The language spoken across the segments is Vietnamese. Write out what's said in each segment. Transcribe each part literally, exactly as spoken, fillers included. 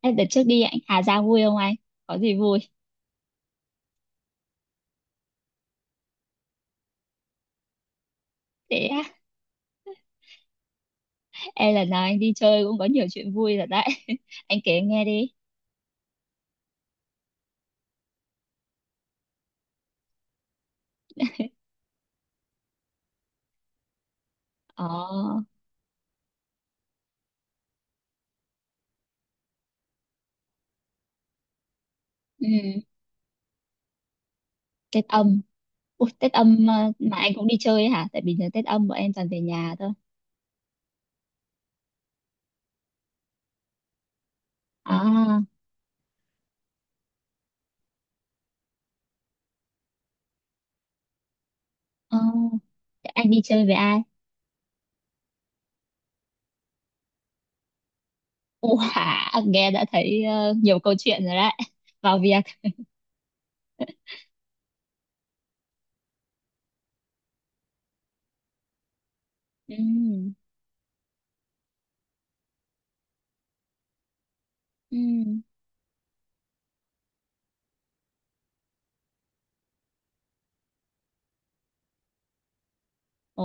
Ê, đợt trước đi anh Hà Giang vui không anh? Có gì vui? Thế á, em lần nào anh đi chơi cũng có nhiều chuyện vui rồi đấy. Anh kể em nghe đi. Ờ, ừ, Tết âm. Ui, Tết âm ờ, mà anh cũng đi chơi ấy hả? Tại bình thường Tết âm bọn em toàn về nhà thôi. À, ờ, thế anh đi chơi với ai? Ủa, nghe đã thấy ờ, nhiều câu chuyện rồi đấy. Vào việc. Ừ, ừ. Ồ,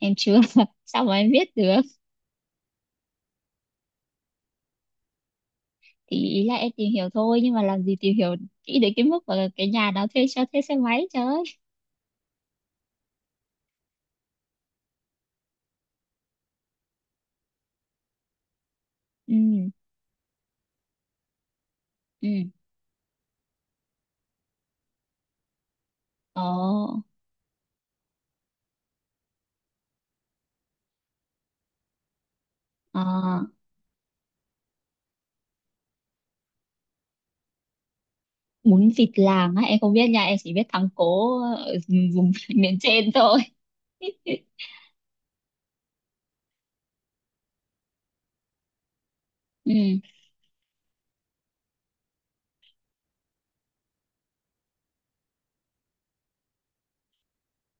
em chưa. Sao mà em biết được? Ý ý là em tìm hiểu thôi nhưng mà làm gì tìm hiểu kỹ đến cái mức mà cái nhà đó thuê cho thuê xe máy trời ơi. Ừ, ừ, ờ. À, bún vịt làng á, em không biết nha, em chỉ biết thắng cố ở vùng miền trên thôi. Ừ,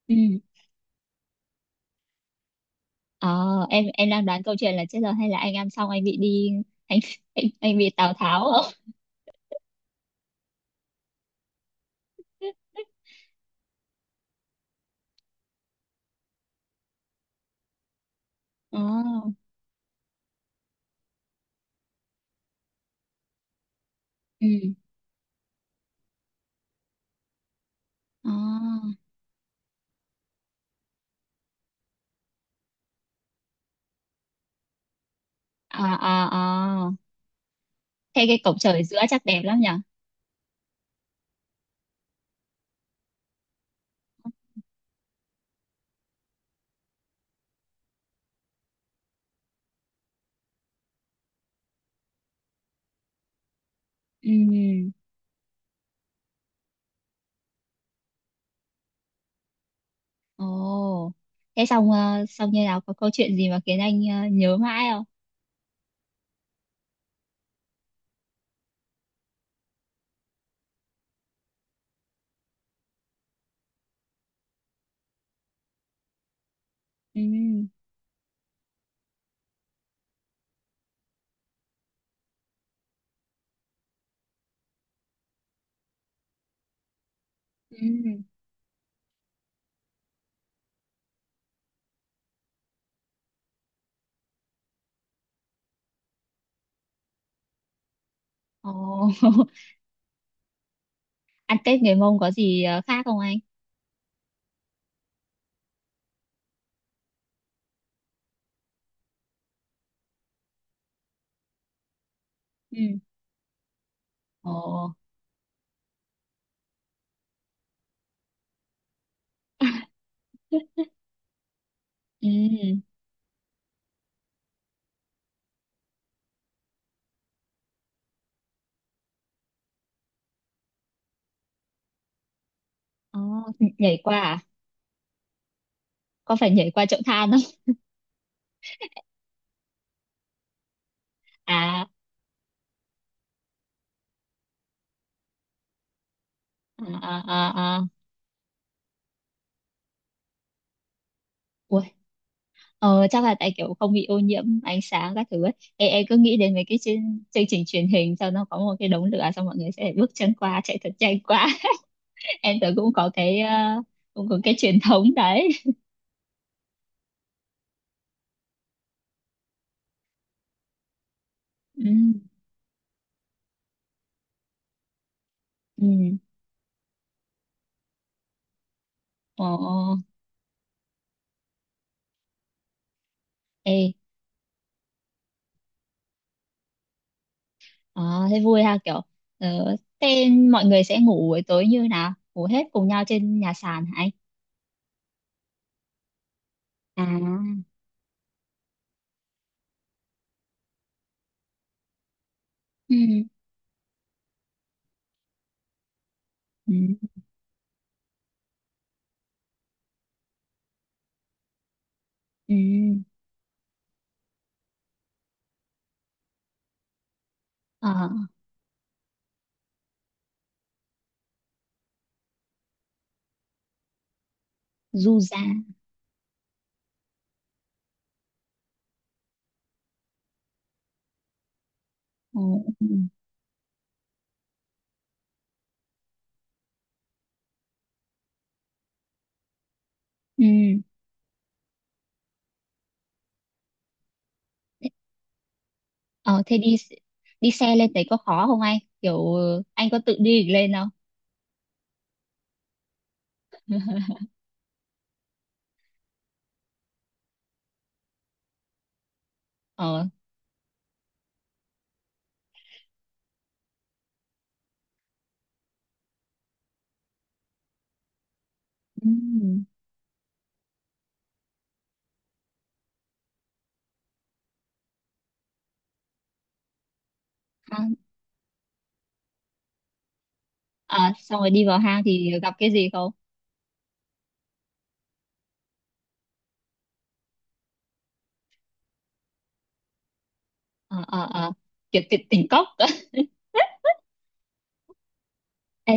ừ, ờ. em em đang đoán câu chuyện là chết rồi hay là anh ăn xong anh bị đi, anh anh, anh bị Tào Tháo không? Ờ, ừ, ờ, à à à, thế cái cổng trời giữa chắc đẹp lắm nhỉ? Ừ. Ồ, thế xong ờ, xong như nào, có câu chuyện gì mà khiến anh ờ, nhớ mãi không? Ừ, ừ. Ồ, ăn Tết người Mông có gì ờ, khác không anh? Ừ. Ồ, ừ. Ồ, nhảy qua à? Có phải nhảy qua chậu than không? À, à, à, à, à. Ui. Ờ, chắc là tại kiểu không bị ô nhiễm ánh sáng các thứ ấy. Ê, em cứ nghĩ đến mấy cái chương, chương trình truyền hình sau nó có một cái đống lửa xong mọi người sẽ bước chân qua chạy thật nhanh quá. Em tưởng cũng có cái ờ, cũng có cái truyền thống đấy. Ừ, ừ, ồ, ê, ờ, thế vui ha, kiểu ờ, thế mọi người sẽ ngủ buổi tối như nào, ngủ hết cùng nhau trên nhà sàn hả anh? À, ừ, ừ, ừ, ờ, du ra, ờ, ừ, ừ, ờ thế đi, đi xe lên đấy có khó không anh, kiểu anh có tự đi được lên không? Ờ, ừ. Hang. À, xong rồi đi vào hang thì gặp cái gì không? Ờ, ờ, ờ, kiểu, kiểu tỉnh cốc. Ê,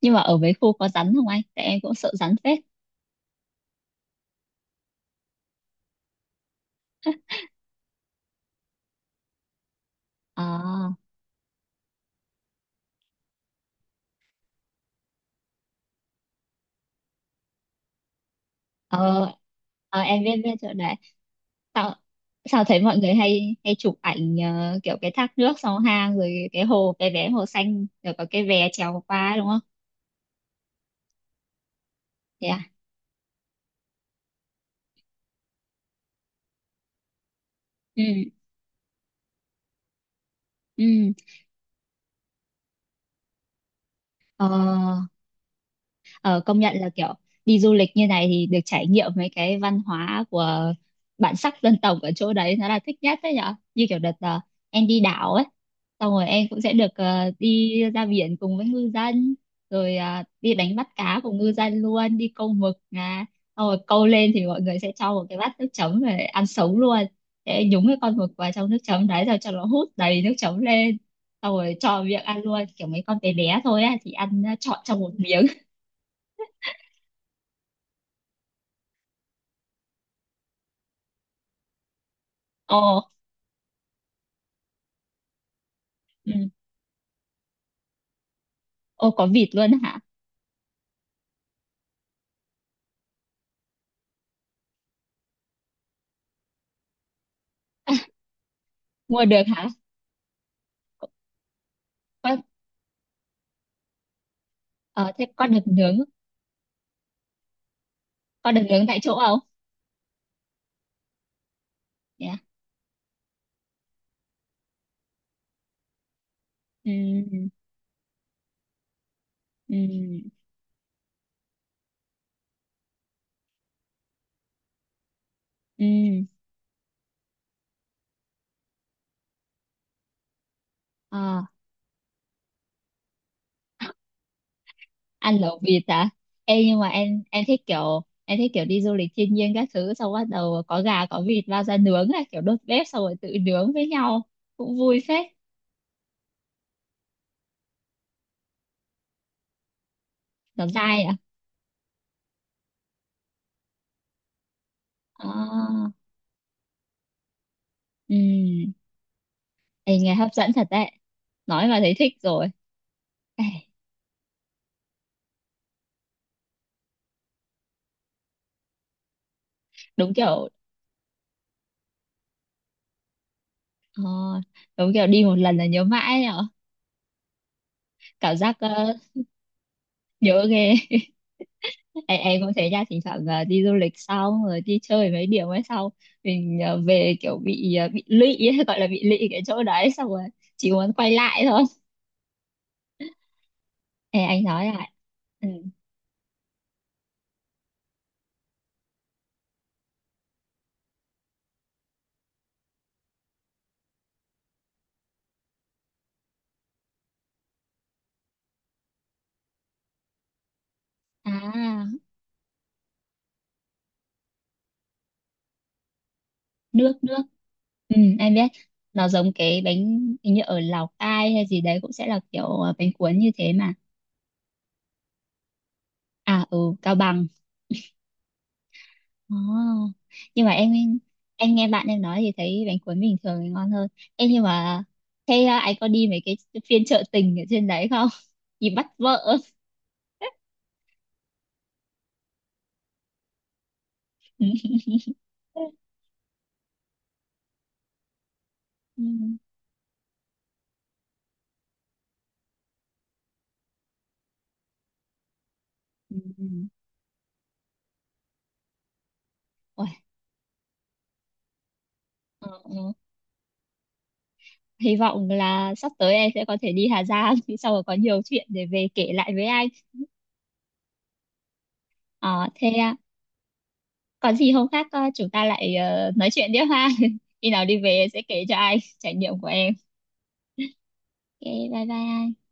nhưng mà ở mấy khu có rắn không anh, tại em cũng sợ rắn phết. À, ờ, ờ, em biết biết chỗ đấy. Sao, sao thấy mọi người hay hay chụp ảnh ờ, kiểu cái thác nước sau hang rồi cái hồ cái vé hồ xanh rồi có cái bè trèo qua đúng không? Thế à? Ừ, ừ, ờ. Ờ, công nhận là kiểu đi du lịch như này thì được trải nghiệm mấy cái văn hóa của bản sắc dân tộc ở chỗ đấy nó là thích nhất đấy nhở, như kiểu đợt ờ, em đi đảo ấy, xong rồi em cũng sẽ được ờ, đi ra biển cùng với ngư dân rồi ờ, đi đánh bắt cá cùng ngư dân luôn, đi câu mực à, xong rồi câu lên thì mọi người sẽ cho một cái bát nước chấm về ăn sống luôn, sẽ nhúng cái con mực vào trong nước chấm đấy rồi cho nó hút đầy nước chấm lên, xong rồi cho miệng ăn luôn kiểu mấy con bé bé thôi á thì ăn ờ, trọn trong một miếng. Ồ, ừ. Ô có vịt luôn hả? Mua được hả? Có, ờ, thế có được nướng, có được nướng tại chỗ không? Yeah. Ừ, ừ, ừ. Ờ, ăn lẩu vịt à? Ê nhưng mà em em thích kiểu em thích kiểu đi du lịch thiên nhiên các thứ xong bắt đầu có gà có vịt lao ra nướng này, kiểu đốt bếp xong rồi tự nướng với nhau cũng vui phết. Nó dai à? À, ừ. Ê, nghe hấp dẫn thật đấy, nói mà thấy thích rồi. Ê, đúng kiểu, ờ, đúng kiểu đi một lần là nhớ mãi nhở, cảm giác ờ, nhớ ghê. em, em cũng thế nha, thỉnh thoảng ờ, đi du lịch xong rồi đi chơi mấy điểm ấy xong mình ờ, về kiểu bị ờ, bị lụy ấy, gọi là bị lụy cái chỗ đấy xong rồi chỉ muốn quay lại thôi. Ê, anh nói lại. Ừ. À nước nước. Ừ, em biết, nó giống cái bánh hình như ở Lào Cai hay gì đấy cũng sẽ là kiểu ờ, bánh cuốn như thế mà. À ừ Cao Bằng. Ồ, nhưng mà em em nghe bạn em nói thì thấy bánh cuốn bình thường thì ngon hơn. Em nhưng mà thế à, anh có đi mấy cái phiên chợ tình ở trên đấy không? Đi bắt vợ. Ừ. Ừ. Ừ. Ôi, ờ, ờ. Hy vọng là sắp tới em sẽ có thể đi Hà Giang thì sau rồi có nhiều chuyện để về kể lại với anh. Ờ, thế à, còn gì hôm khác ờ, chúng ta lại ờ, nói chuyện tiếp ha. Khi nào đi về em sẽ kể cho anh trải nghiệm của em. Ok, bye bye anh.